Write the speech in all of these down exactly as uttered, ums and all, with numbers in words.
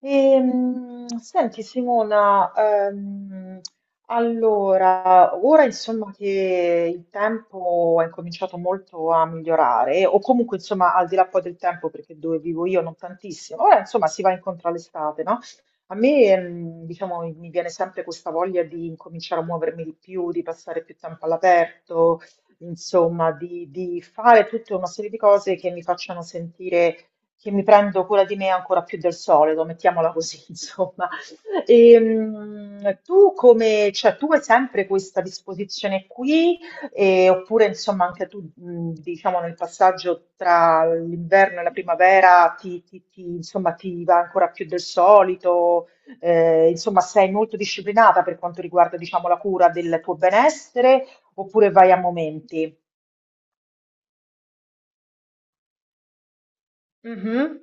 Ehm, senti Simona, ehm, allora, ora insomma che il tempo è cominciato molto a migliorare, o comunque insomma al di là poi del tempo, perché dove vivo io non tantissimo, ora insomma si va incontro all'estate, no? A me, ehm, diciamo, mi mi viene sempre questa voglia di incominciare a muovermi di più, di passare più tempo all'aperto, insomma, di, di fare tutta una serie di cose che mi facciano sentire che mi prendo cura di me ancora più del solito, mettiamola così, insomma. Ehm, tu come, cioè, tu hai sempre questa disposizione qui, eh, oppure insomma anche tu, mh, diciamo, nel passaggio tra l'inverno e la primavera ti, ti- ti, insomma, ti va ancora più del solito, eh, insomma, sei molto disciplinata per quanto riguarda, diciamo, la cura del tuo benessere, oppure vai a momenti? Mhm.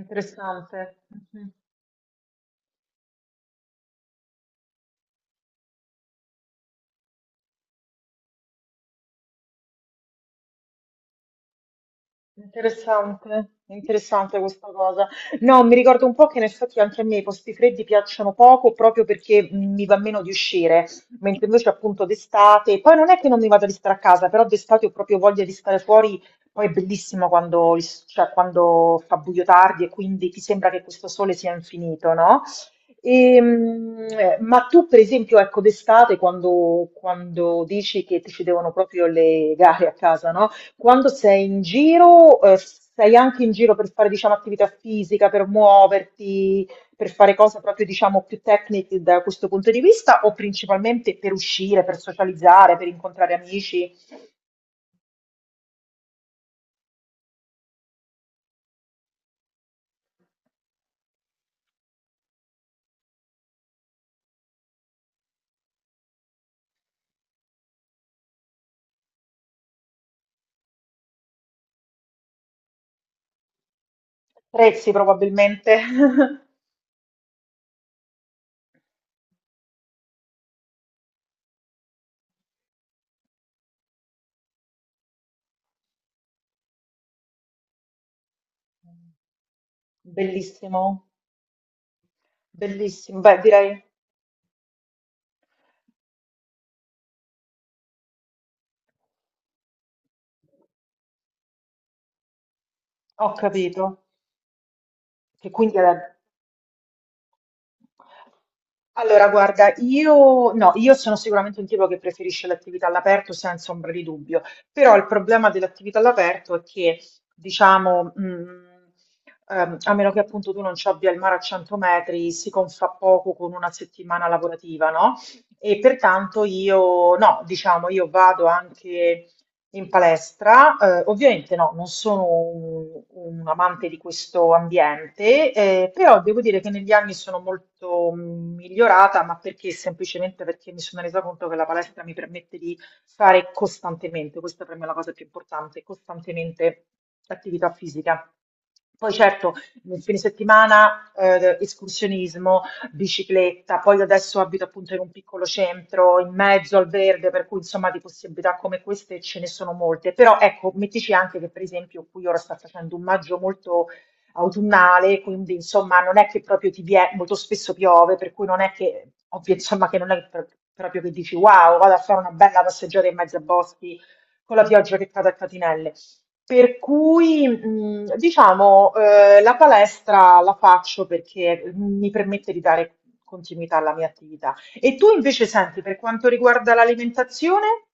Interessante. Interessante, interessante questa cosa. No, mi ricordo un po' che in effetti anche a me i posti freddi piacciono poco proprio perché mm, mi va meno di uscire, mentre invece appunto d'estate, poi non è che non mi vada di stare a casa, però d'estate ho proprio voglia di stare fuori, poi è bellissimo quando, il- cioè, quando fa buio tardi e quindi ti sembra che questo sole sia infinito, no? E, mm, eh, ma tu per esempio, ecco, d'estate quando, quando dici che ti ci devono proprio le gare a casa, no? Quando sei in giro, eh, sei anche in giro per fare, diciamo, attività fisica, per muoverti, per fare cose proprio, diciamo, più tecniche da questo punto di vista, o principalmente per uscire, per socializzare, per incontrare amici? Prezzi probabilmente. Bellissimo, bellissimo. Beh, direi, ho capito. Che quindi era allora, guarda, io, no, io sono sicuramente un tipo che preferisce l'attività all'aperto senza ombra di dubbio, però il problema dell'attività all'aperto è che, diciamo, mh, ehm, a meno che appunto tu non ci abbia il mare a cento metri, si confà poco con una settimana lavorativa, no? E pertanto io, no, diciamo, io vado anche in palestra, eh, ovviamente no, non sono un, un amante di questo ambiente, eh, però devo dire che negli anni sono molto mh, migliorata, ma perché? Semplicemente perché mi sono resa conto che la palestra mi permette di fare costantemente, questa per me è la cosa più importante, costantemente attività fisica. Poi certo, nel fine settimana, eh, escursionismo, bicicletta, poi io adesso abito appunto in un piccolo centro in mezzo al verde, per cui insomma di possibilità come queste ce ne sono molte, però ecco, mettici anche che per esempio qui ora sta facendo un maggio molto autunnale, quindi insomma non è che proprio ti viene, molto spesso piove, per cui non è che, ovvio, insomma che non è pro- proprio che dici wow, vado a fare una bella passeggiata in mezzo a boschi con la pioggia che cade a catinelle. Per cui, mh, diciamo, eh, la palestra la faccio perché mi permette di dare continuità alla mia attività. E tu invece senti, per quanto riguarda l'alimentazione?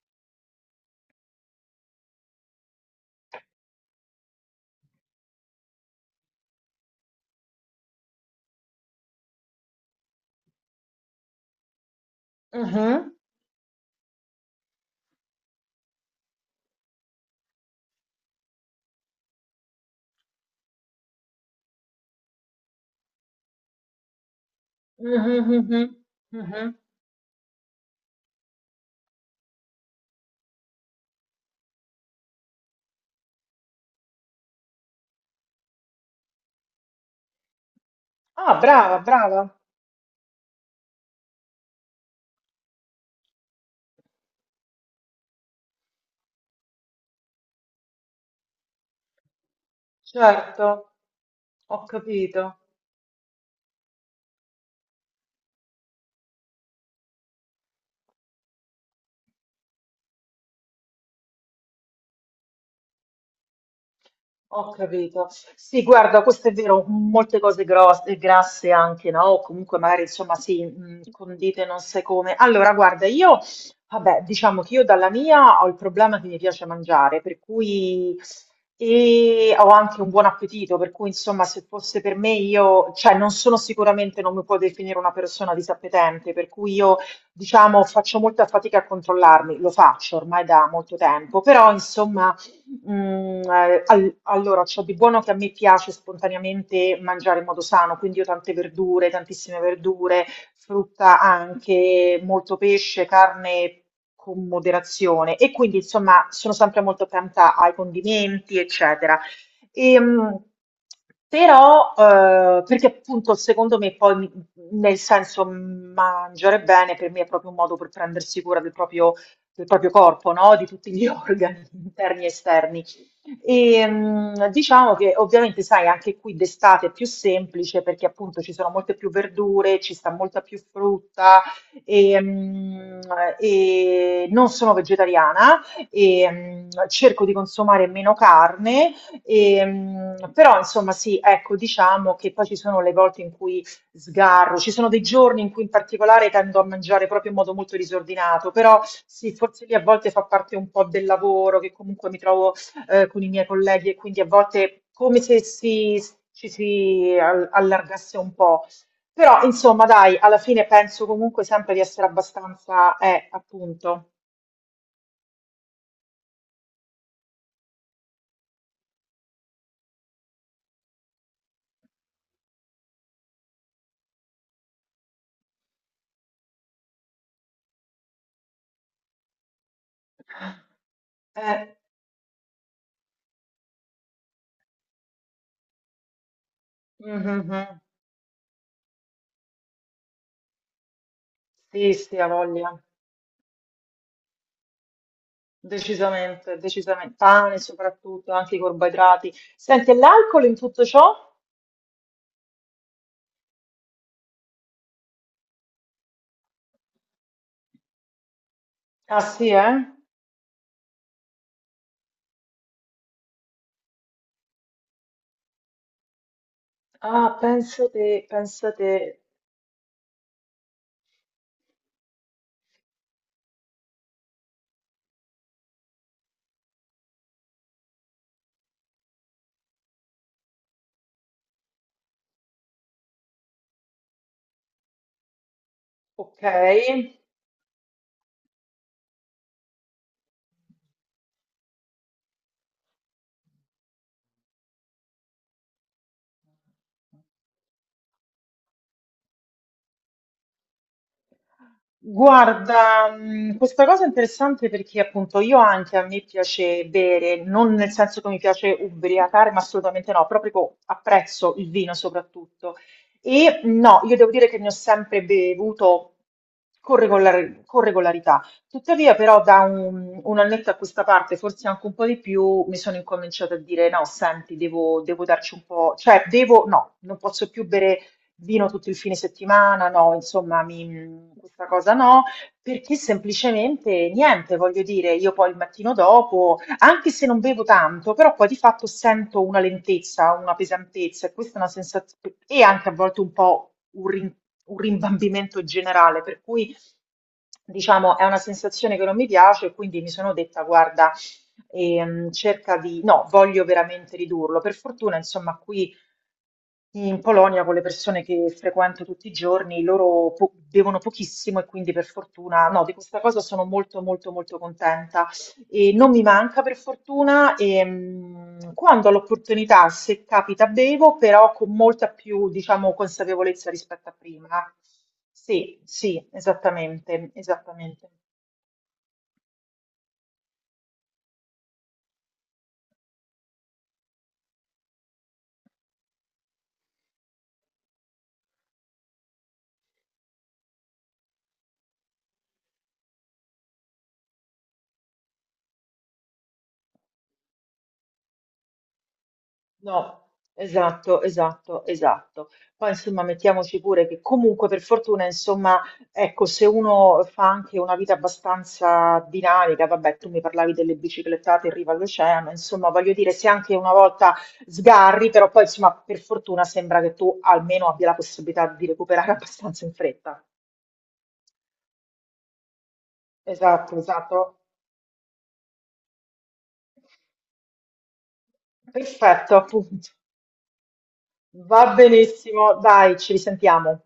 Mhm, mhm, mhm, mhm. Ah, brava, brava, certo, ho capito. Ho capito. Sì, guarda, questo è vero, molte cose grosse, grasse anche, no? O comunque magari, insomma, sì, mh, condite non sai come. Allora, guarda, io, vabbè, diciamo che io dalla mia ho il problema che mi piace mangiare, per cui, e ho anche un buon appetito, per cui, insomma, se fosse per me, io, cioè, non sono sicuramente, non mi può definire una persona disappetente, per cui io, diciamo, faccio molta fatica a controllarmi, lo faccio ormai da molto tempo, però, insomma Mm, eh, all- allora, ciò di buono che a me piace spontaneamente mangiare in modo sano, quindi io tante verdure, tantissime verdure, frutta anche, molto pesce, carne con moderazione e quindi insomma sono sempre molto attenta ai condimenti, eccetera. Ehm, Però, eh, perché appunto secondo me poi mi- nel senso mangiare bene per me è proprio un modo per prendersi cura del proprio del proprio corpo, no? Di tutti gli organi interni e esterni. E, mh, diciamo che ovviamente, sai, anche qui d'estate è più semplice perché appunto ci sono molte più verdure, ci sta molta più frutta e, mh, e non sono vegetariana e mh, cerco di consumare meno carne, e, mh, però insomma sì, ecco, diciamo che poi ci sono le volte in cui sgarro, ci sono dei giorni in cui in particolare tendo a mangiare proprio in modo molto disordinato, però sì, forse lì a volte fa parte un po' del lavoro che comunque mi trovo eh, con i miei colleghi e quindi a volte come se si, ci si al- allargasse un po'. Però insomma, dai, alla fine penso comunque sempre di essere abbastanza, eh, appunto. Eh, mhm. Sì, sì, ha voglia. Decisamente, decisamente. Pane soprattutto, anche i carboidrati. Senti, e l'alcol in tutto ciò? Ah sì, eh? Ah, penso te, penso te. Ok. Guarda, mh, questa cosa è interessante perché appunto io anche a me piace bere, non nel senso che mi piace ubriacare, ma assolutamente no, proprio co- apprezzo il vino soprattutto. E no, io devo dire che ne ho sempre bevuto con regolar- con regolarità. Tuttavia, però, da un, un annetto a questa parte, forse anche un po' di più, mi sono incominciata a dire: no, senti, devo, devo darci un po', cioè, devo, no, non posso più bere vino tutto il fine settimana, no, insomma, mi- questa cosa no, perché semplicemente niente, voglio dire, io poi il mattino dopo, anche se non bevo tanto, però poi di fatto sento una lentezza, una pesantezza, e questa è una sensazione, e anche a volte un po' un, rin- un rimbambimento generale, per cui diciamo è una sensazione che non mi piace, e quindi mi sono detta, guarda, ehm, cerca di, no, voglio veramente ridurlo. Per fortuna, insomma, qui. Sì, in Polonia, con le persone che frequento tutti i giorni, loro po- bevono pochissimo e quindi per fortuna, no, di questa cosa sono molto molto molto contenta e non mi manca per fortuna e mh, quando ho l'opportunità, se capita, bevo, però con molta più, diciamo, consapevolezza rispetto a prima. Sì, sì, esattamente, esattamente. No, esatto, esatto, esatto. Poi insomma mettiamoci pure che comunque per fortuna insomma ecco se uno fa anche una vita abbastanza dinamica, vabbè tu mi parlavi delle biciclettate in riva all'oceano, insomma voglio dire se anche una volta sgarri però poi insomma per fortuna sembra che tu almeno abbia la possibilità di recuperare abbastanza in fretta. Esatto, esatto. Perfetto, appunto. Va benissimo, dai, ci risentiamo.